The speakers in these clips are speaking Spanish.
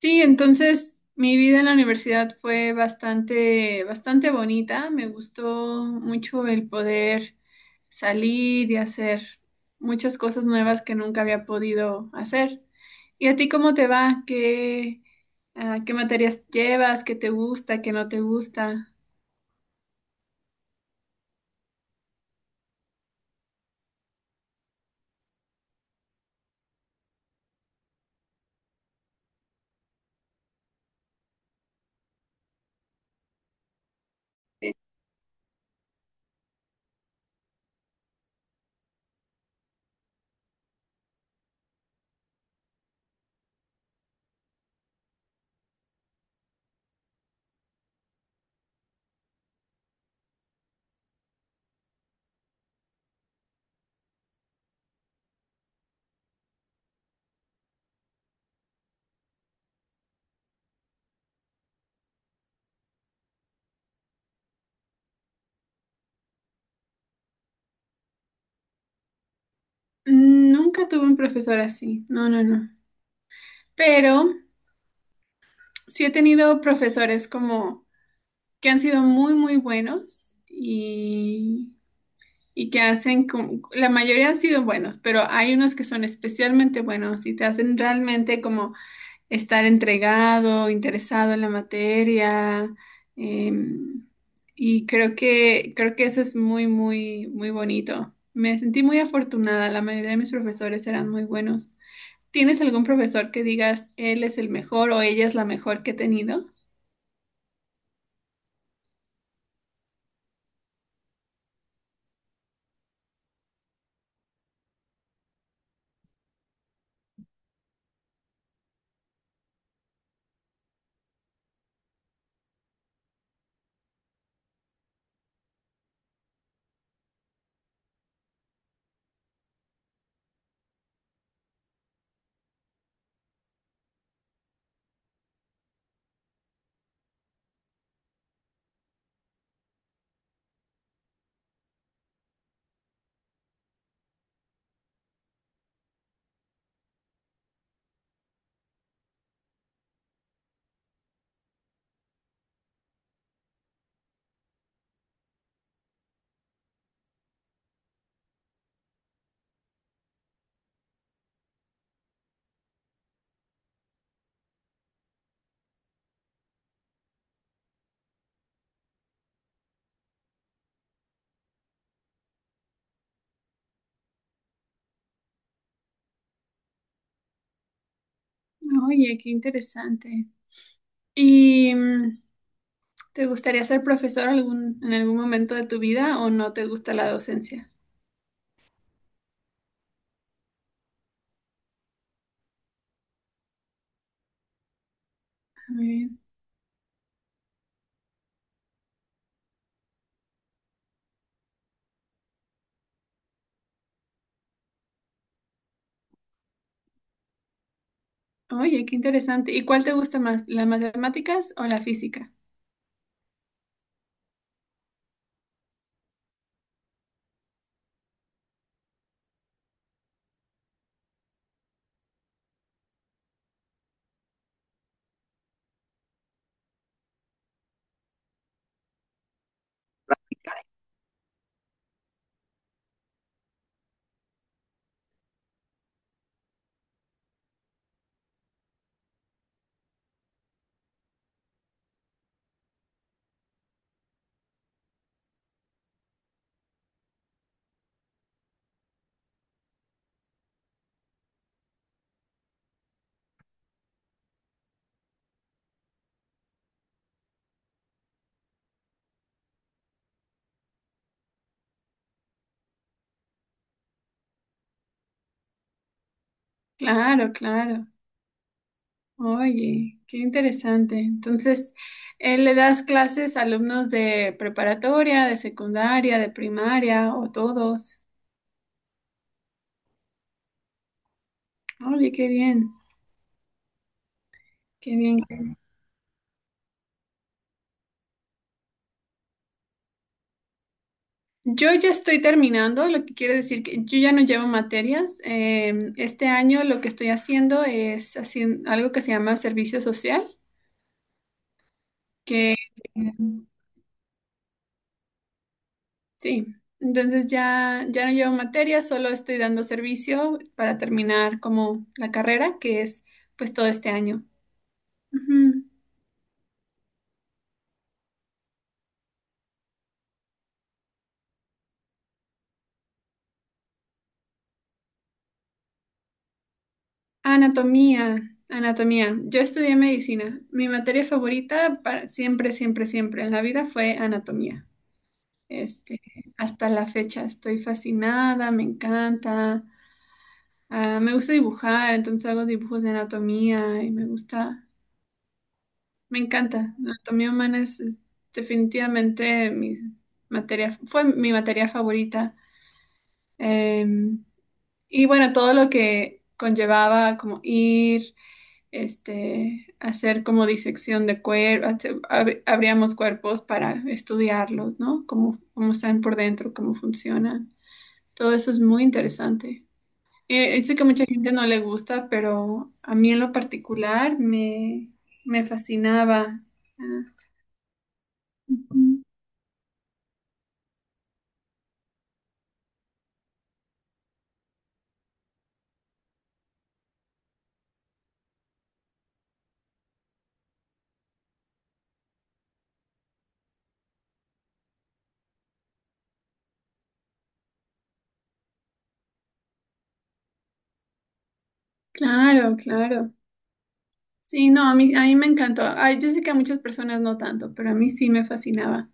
Sí, entonces mi vida en la universidad fue bastante, bastante bonita. Me gustó mucho el poder salir y hacer muchas cosas nuevas que nunca había podido hacer. ¿Y a ti cómo te va? ¿Qué materias llevas? ¿Qué te gusta? ¿Qué no te gusta? Nunca tuve un profesor así. No, no, no. Pero sí he tenido profesores como que han sido muy, muy buenos. Y que hacen, la mayoría han sido buenos, pero hay unos que son especialmente buenos y te hacen realmente como estar entregado, interesado en la materia. em, y creo que eso es muy, muy, muy bonito. Me sentí muy afortunada, la mayoría de mis profesores eran muy buenos. ¿Tienes algún profesor que digas él es el mejor o ella es la mejor que he tenido? Oye, qué interesante. Y mm, ¿Te gustaría ser profesor en algún momento de tu vida o no te gusta la docencia? Ah, muy bien. Oye, qué interesante. ¿Y cuál te gusta más, las matemáticas o la física? Claro, claro. Oye, qué interesante. Entonces, ¿le das clases a alumnos de preparatoria, de secundaria, de primaria o todos? Oye, qué bien, qué bien. Yo ya estoy terminando, lo que quiere decir que yo ya no llevo materias. Este año lo que estoy haciendo es haciendo algo que se llama servicio social, que em, sí, entonces ya, ya no llevo materias, solo estoy dando servicio para terminar como la carrera, que es pues todo este año. Ujú. Anatomía, anatomía. Yo estudié medicina. Mi materia favorita para siempre, siempre, siempre en la vida fue anatomía. Este, hasta la fecha estoy fascinada, me encanta. Ah, me gusta dibujar, entonces hago dibujos de anatomía y me gusta, me encanta. La anatomía humana es definitivamente mi materia, fue mi materia favorita. Eh, y bueno, todo lo que conllevaba como ir, este, hacer como disección de cuerpos, abríamos cuerpos para estudiarlos, ¿no? Cómo, cómo están por dentro, cómo funcionan. Todo eso es muy interesante. Sé que a mucha gente no le gusta, pero a mí en lo particular me fascinaba. Ah, ujú. Claro, claro. Sí, no, a mí me encantó. Ay, yo sé que a muchas personas no tanto, pero a mí sí me fascinaba.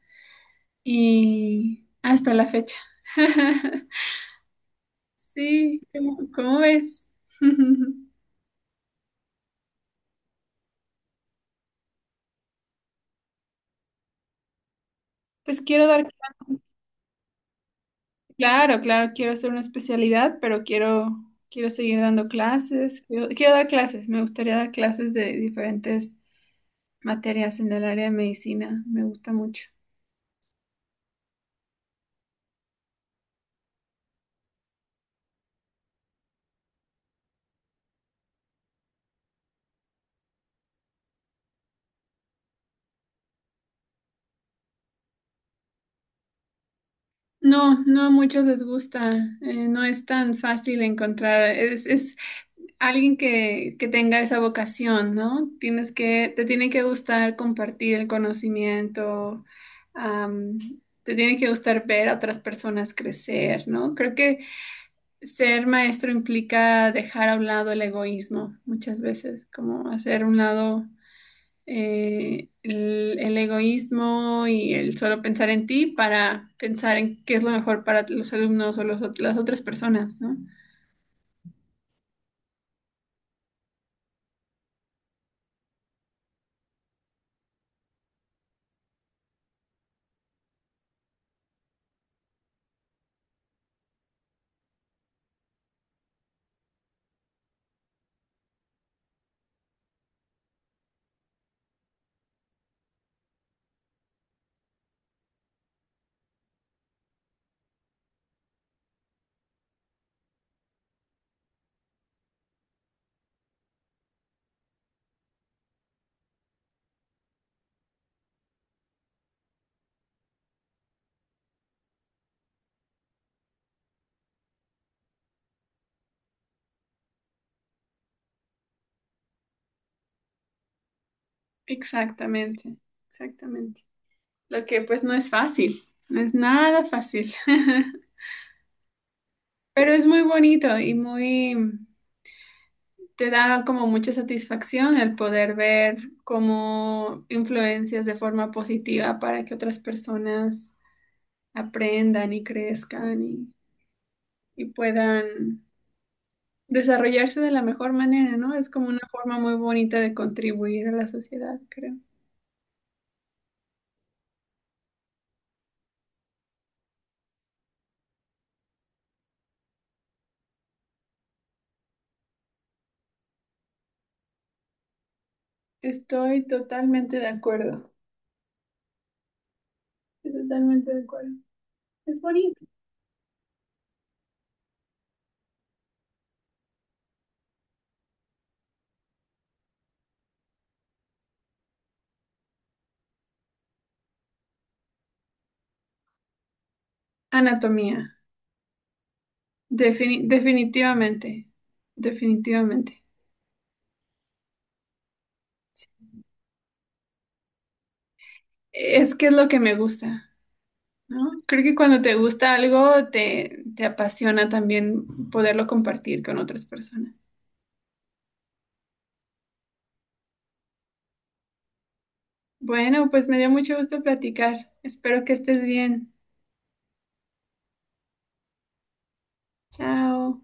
Y hasta la fecha. Sí, ¿cómo, cómo ves? Pues quiero dar clases. Claro, claro, quiero hacer una especialidad, pero quiero, quiero seguir dando clases. Quiero, quiero dar clases, me gustaría dar clases de diferentes materias en el área de medicina, me gusta mucho. No, no a muchos les gusta, no es tan fácil encontrar, es alguien que tenga esa vocación, ¿no? Tienes que, te tiene que gustar compartir el conocimiento, am, te tiene que gustar ver a otras personas crecer, ¿no? Creo que ser maestro implica dejar a un lado el egoísmo, muchas veces, como hacer a un lado el egoísmo y el solo pensar en ti para pensar en qué es lo mejor para los alumnos o las otras personas, ¿no? Exactamente, exactamente. Lo que pues no es fácil, no es nada fácil, pero es muy bonito y muy... Te da como mucha satisfacción el poder ver cómo influencias de forma positiva para que otras personas aprendan y crezcan y puedan desarrollarse de la mejor manera, ¿no? Es como una forma muy bonita de contribuir a la sociedad, creo. Estoy totalmente de acuerdo. Estoy totalmente de acuerdo. Es bonito. Anatomía. Definitivamente. Definitivamente. Es que es lo que me gusta. ¿No? Creo que cuando te gusta algo, te apasiona también poderlo compartir con otras personas. Bueno, pues me dio mucho gusto platicar. Espero que estés bien. Chao.